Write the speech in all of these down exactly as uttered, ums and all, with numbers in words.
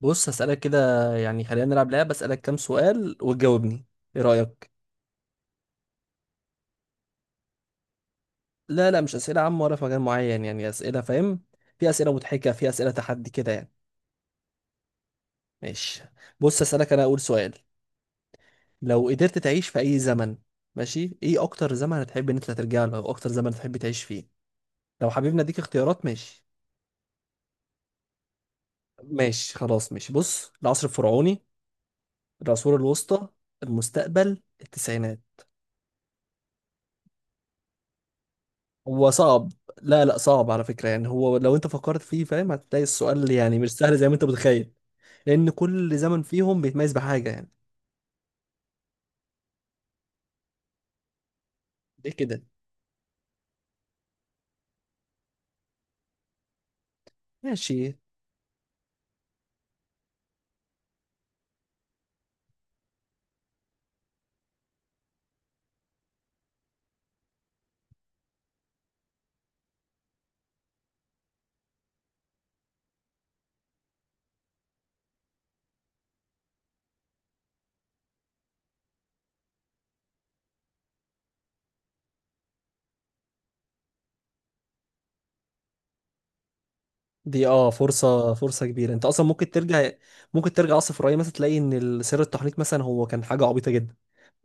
بص هسألك كده. يعني خلينا نلعب لعبة، أسألك كام سؤال وتجاوبني. إيه رأيك؟ لا، لا، مش أسئلة عامة ولا في مجال معين، يعني أسئلة، فاهم؟ في أسئلة مضحكة، في أسئلة تحدي كده، يعني. ماشي. بص هسألك أنا أول سؤال. لو قدرت تعيش في أي زمن، ماشي، إيه أكتر زمن هتحب إن أنت ترجع له أو أكتر زمن هتحب تعيش فيه؟ لو حبيبنا أديك اختيارات، ماشي. ماشي، خلاص، ماشي. بص، العصر الفرعوني، العصور الوسطى، المستقبل، التسعينات. هو صعب. لا، لا، صعب على فكرة، يعني هو لو انت فكرت فيه، فاهم، هتلاقي السؤال يعني مش سهل زي ما انت متخيل. لان كل زمن فيهم بيتميز بحاجة يعني. دي كده. ماشي. دي اه فرصة فرصة كبيرة، انت اصلا ممكن ترجع. ممكن ترجع اصلا في الرأي، مثلا تلاقي ان سر التحنيط مثلا هو كان حاجة عبيطة جدا.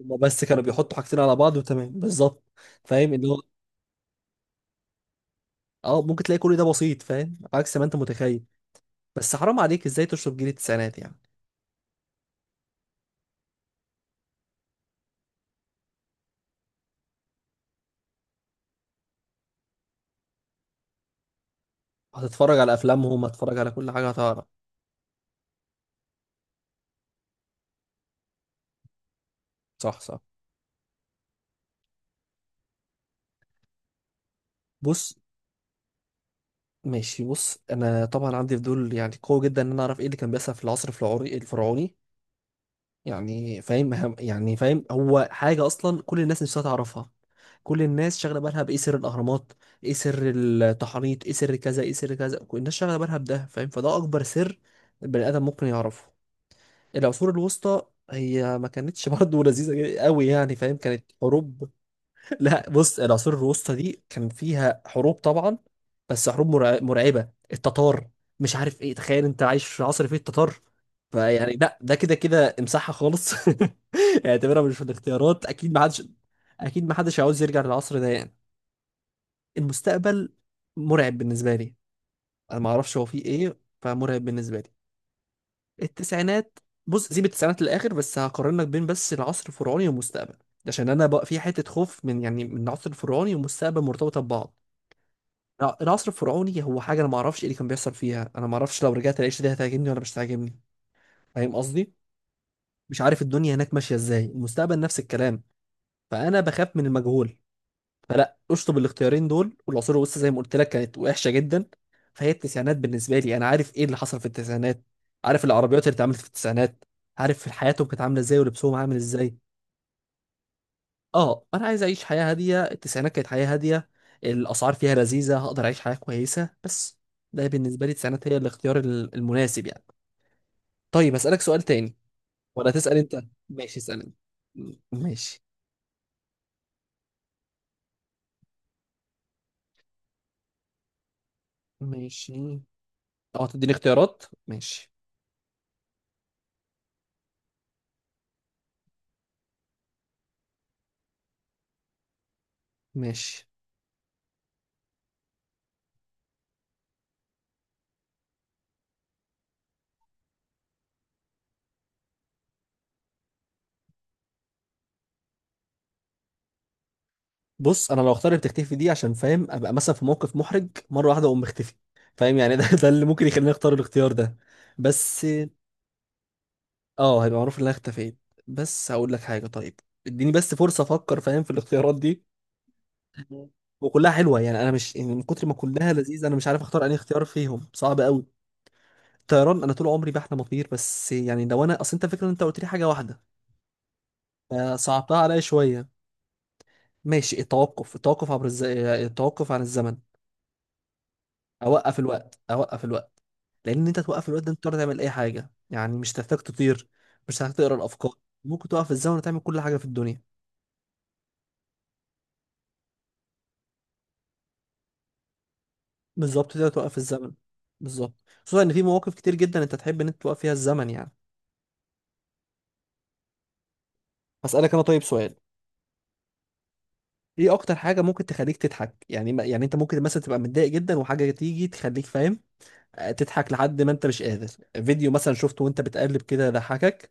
هما بس كانوا بيحطوا حاجتين على بعض وتمام بالظبط، فاهم اللي هو. اه، ممكن تلاقي كل ده بسيط، فاهم، عكس ما انت متخيل. بس حرام عليك، ازاي تشرب جيل التسعينات يعني؟ هتتفرج على افلامهم، هتتفرج على كل حاجة، هتعرف. صح، صح. بص، ماشي، بص، انا طبعا عندي فضول يعني قوي جدا ان انا اعرف ايه اللي كان بيحصل في العصر الفرعوني الفرعوني. يعني فاهم هم- يعني فاهم هو حاجه اصلا، كل الناس نفسها تعرفها. كل الناس شاغله بالها بايه، سر الاهرامات. ايه سر التحنيط، ايه سر كذا، ايه سر كذا، كل الناس شاغله بالها بده، فاهم، فده اكبر سر البني ادم ممكن يعرفه. العصور الوسطى، هي ما كانتش برضه لذيذه قوي، يعني فاهم، كانت حروب. لا، بص، العصور الوسطى دي كان فيها حروب طبعا. بس حروب مرع- مرعبة، التتار، مش عارف ايه، تخيل انت عايش في عصر فيه التتار. فيعني لا، ده كده كده امسحها خالص. اعتبرها مش في الاختيارات، اكيد ما حدش، اكيد ما حدش عاوز يرجع للعصر ده يعني. المستقبل مرعب بالنسبة لي. انا ما اعرفش هو فيه ايه، فمرعب بالنسبة لي. التسعينات. بص، سيب التسعينات للاخر، بس هقارن لك بين بس العصر الفرعوني والمستقبل. عشان انا بقى في حته خوف من، يعني من، العصر الفرعوني والمستقبل مرتبطه ببعض. لا، العصر الفرعوني هو حاجه انا ما اعرفش ايه اللي كان بيحصل فيها، انا ما اعرفش لو رجعت العيش دي هتعجبني ولا مش هتعجبني. فاهم قصدي. مش عارف الدنيا هناك ماشيه ازاي، المستقبل نفس الكلام. فانا بخاف من المجهول. فلا، اشطب الاختيارين دول. والعصور الوسطى زي ما قلت لك كانت وحشه جدا. فهي التسعينات بالنسبه لي، انا عارف ايه اللي حصل في التسعينات. عارف العربيات اللي اتعملت في التسعينات. عارف حياتهم كانت عامله ازاي ولبسهم عامل ازاي. اه، انا عايز اعيش حياه هاديه، التسعينات كانت حياه هاديه. الاسعار فيها لذيذه، هقدر اعيش حياه كويسه بس. ده بالنسبه لي، التسعينات هي الاختيار ال- المناسب يعني. طيب اسالك سؤال تاني؟ ولا تسال انت؟ ماشي، اسال انت. م- ماشي. ماشي، اه تديني اختيارات، ماشي. ماشي، بص، انا لو اختار اللي بتختفي دي، عشان فاهم ابقى مثلا في موقف محرج، مره واحده اقوم مختفي. فاهم يعني، ده ده اللي ممكن يخليني اختار الاختيار ده. بس، اه، هيبقى معروف ان انا اختفيت. بس هقول لك حاجه، طيب. اديني بس فرصه افكر، فاهم، في الاختيارات دي. مم. وكلها حلوه، يعني انا مش، يعني من كتر ما كلها لذيذه، انا مش عارف اختار انهي اختيار فيهم، صعب قوي. الطيران، انا طول عمري بحلم اطير، بس يعني لو انا، اصل انت فكره ان انت قلت لي حاجه واحده، فصعبتها عليا شويه. ماشي، التوقف التوقف عبر الز... التوقف عن الزمن. اوقف الوقت، اوقف الوقت. لان انت توقف الوقت ده، انت تقدر تعمل اي حاجه، يعني مش تحتاج تطير. مش هتحتاج تقرا الافكار. ممكن توقف الزمن وتعمل كل حاجه في الدنيا. بالظبط، تقدر توقف الزمن. بالظبط. خصوصا ان في مواقف كتير جدا انت تحب ان انت توقف فيها الزمن يعني. هسألك انا طيب سؤال. ايه اكتر حاجة ممكن تخليك تضحك؟ يعني ما- يعني انت ممكن مثلا تبقى متضايق جدا وحاجة تيجي تخليك، فاهم، آه، تضحك لحد ما انت مش قادر. فيديو مثلا شفته وانت بتقلب كده ضحكك.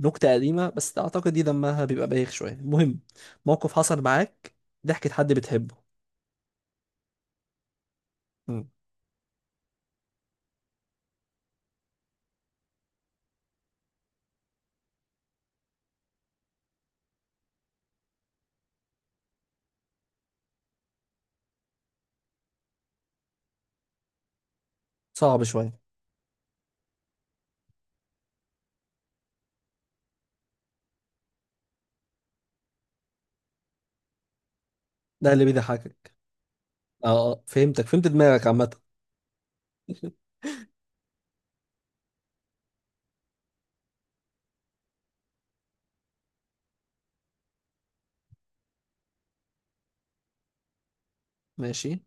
نكتة قديمة، بس اعتقد دي دمها بيبقى بايخ شوية، المهم. موقف حصل معاك. ضحكة حد بتحبه. مم. صعب شوية. ده اللي بيضحكك. اه، آه، فهمتك، فهمت دماغك عامة. ماشي،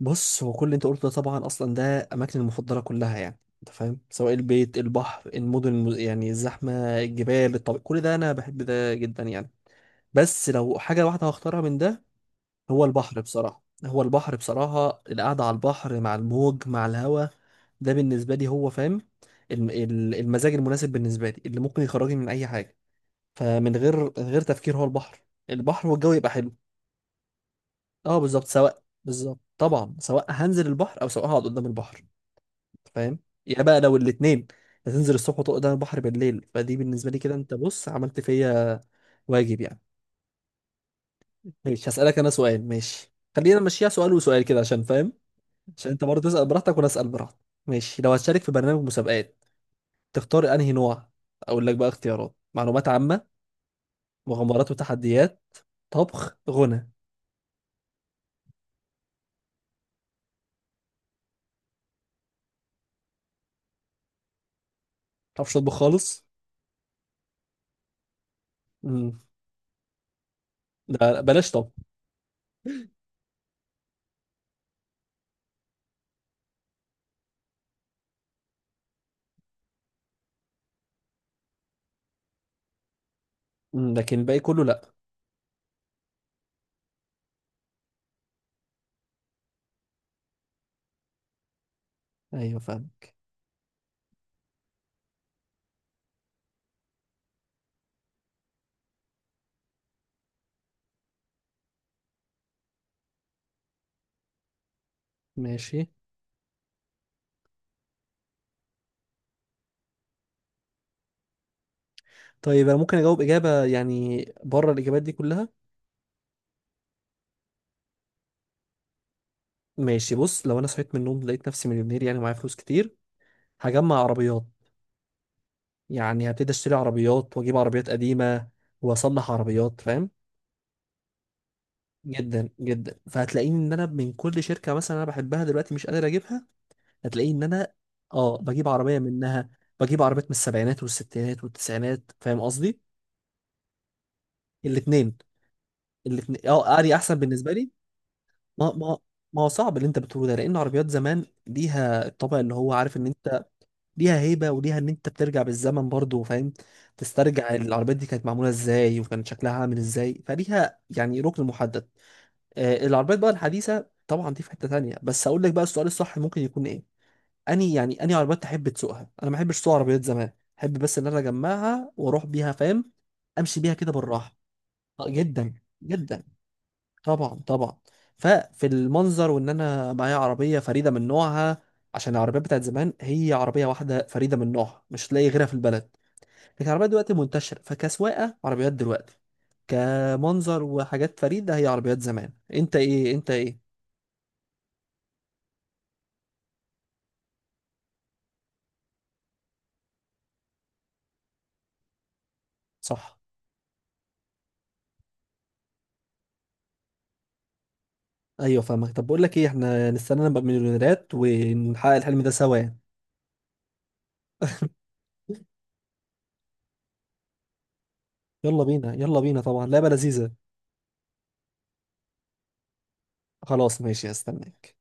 بص، هو كل اللي انت قلته ده طبعا اصلا ده اماكني المفضله كلها، يعني انت فاهم، سواء البيت، البحر، المدن، الم- يعني الزحمه، الجبال، الطبيعي، كل ده انا بحب ده جدا يعني. بس لو حاجه واحده هختارها من ده، هو البحر بصراحه، هو البحر بصراحه، القعده على البحر مع الموج مع الهواء. ده بالنسبه لي هو، فاهم، الم- ال- المزاج المناسب بالنسبه لي اللي ممكن يخرجني من اي حاجه. فمن غير من غير تفكير، هو البحر. البحر والجو يبقى حلو. اه، بالظبط، سواء بالظبط طبعا، سواء هنزل البحر او سواء هقعد قدام البحر، فاهم. يا بقى لو الاتنين، هتنزل الصبح وتقعد على البحر بالليل، فدي بالنسبة لي كده، انت بص عملت فيا واجب يعني. ماشي، هسألك انا سؤال. ماشي، خلينا نمشيها سؤال وسؤال كده، عشان فاهم، عشان انت برضه تسأل براحتك وانا اسأل براحتي. ماشي، لو هتشارك في برنامج مسابقات، تختار انهي نوع؟ اقول لك بقى اختيارات: معلومات عامة، مغامرات وتحديات، طبخ، غنى ما. تعرفش تطبخ خالص؟ امم. لا، لا، بلاش طبخ. مم، لكن الباقي كله لا. ايوه فاهم. ماشي، طيب انا ممكن اجاوب اجابة يعني بره الاجابات دي كلها. ماشي، بص، لو انا صحيت من النوم لقيت نفسي مليونير، يعني معايا فلوس كتير، هجمع عربيات. يعني هبتدي اشتري عربيات واجيب عربيات قديمة واصلح عربيات، فاهم. جدا جدا، فهتلاقيني ان انا من كل شركة مثلا انا بحبها دلوقتي مش قادر اجيبها، هتلاقيني ان انا، اه، بجيب عربية منها. بجيب عربيات من السبعينات والستينات والتسعينات، فاهم قصدي. الاتنين. الاتنين، اه، اري احسن بالنسبة لي. ما ما ما هو صعب اللي انت بتقوله ده، لان عربيات زمان ليها الطابع اللي هو عارف ان انت، ليها هيبه وليها ان انت بترجع بالزمن برضو، فاهم، تسترجع العربيات دي كانت معموله ازاي وكان شكلها عامل ازاي، فليها يعني ركن محدد. آه، العربيات بقى الحديثه طبعا دي في حته تانية، بس اقول لك بقى السؤال الصح ممكن يكون ايه. اني يعني اني عربيات تحب تسوقها؟ انا ما احبش اسوق عربيات زمان. احب بس ان انا اجمعها واروح بيها، فاهم، امشي بيها كده بالراحه. آه، جدا، جدا، طبعا، طبعا. ففي المنظر وان انا معايا عربيه فريده من نوعها، عشان العربيات بتاعت زمان هي عربيه واحده فريده من نوعها، مش تلاقي غيرها في البلد. لكن العربيات دلوقتي منتشره، فكسواقه عربيات دلوقتي. كمنظر وحاجات فريده هي عربيات زمان، انت ايه انت ايه؟ صح. ايوه فاهمك. طب بقول لك ايه، احنا نستنى نبقى مليونيرات ونحقق الحلم ده سوا يعني. يلا بينا، يلا بينا، طبعا لعبه لذيذه. خلاص، ماشي، هستناك.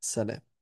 سلام.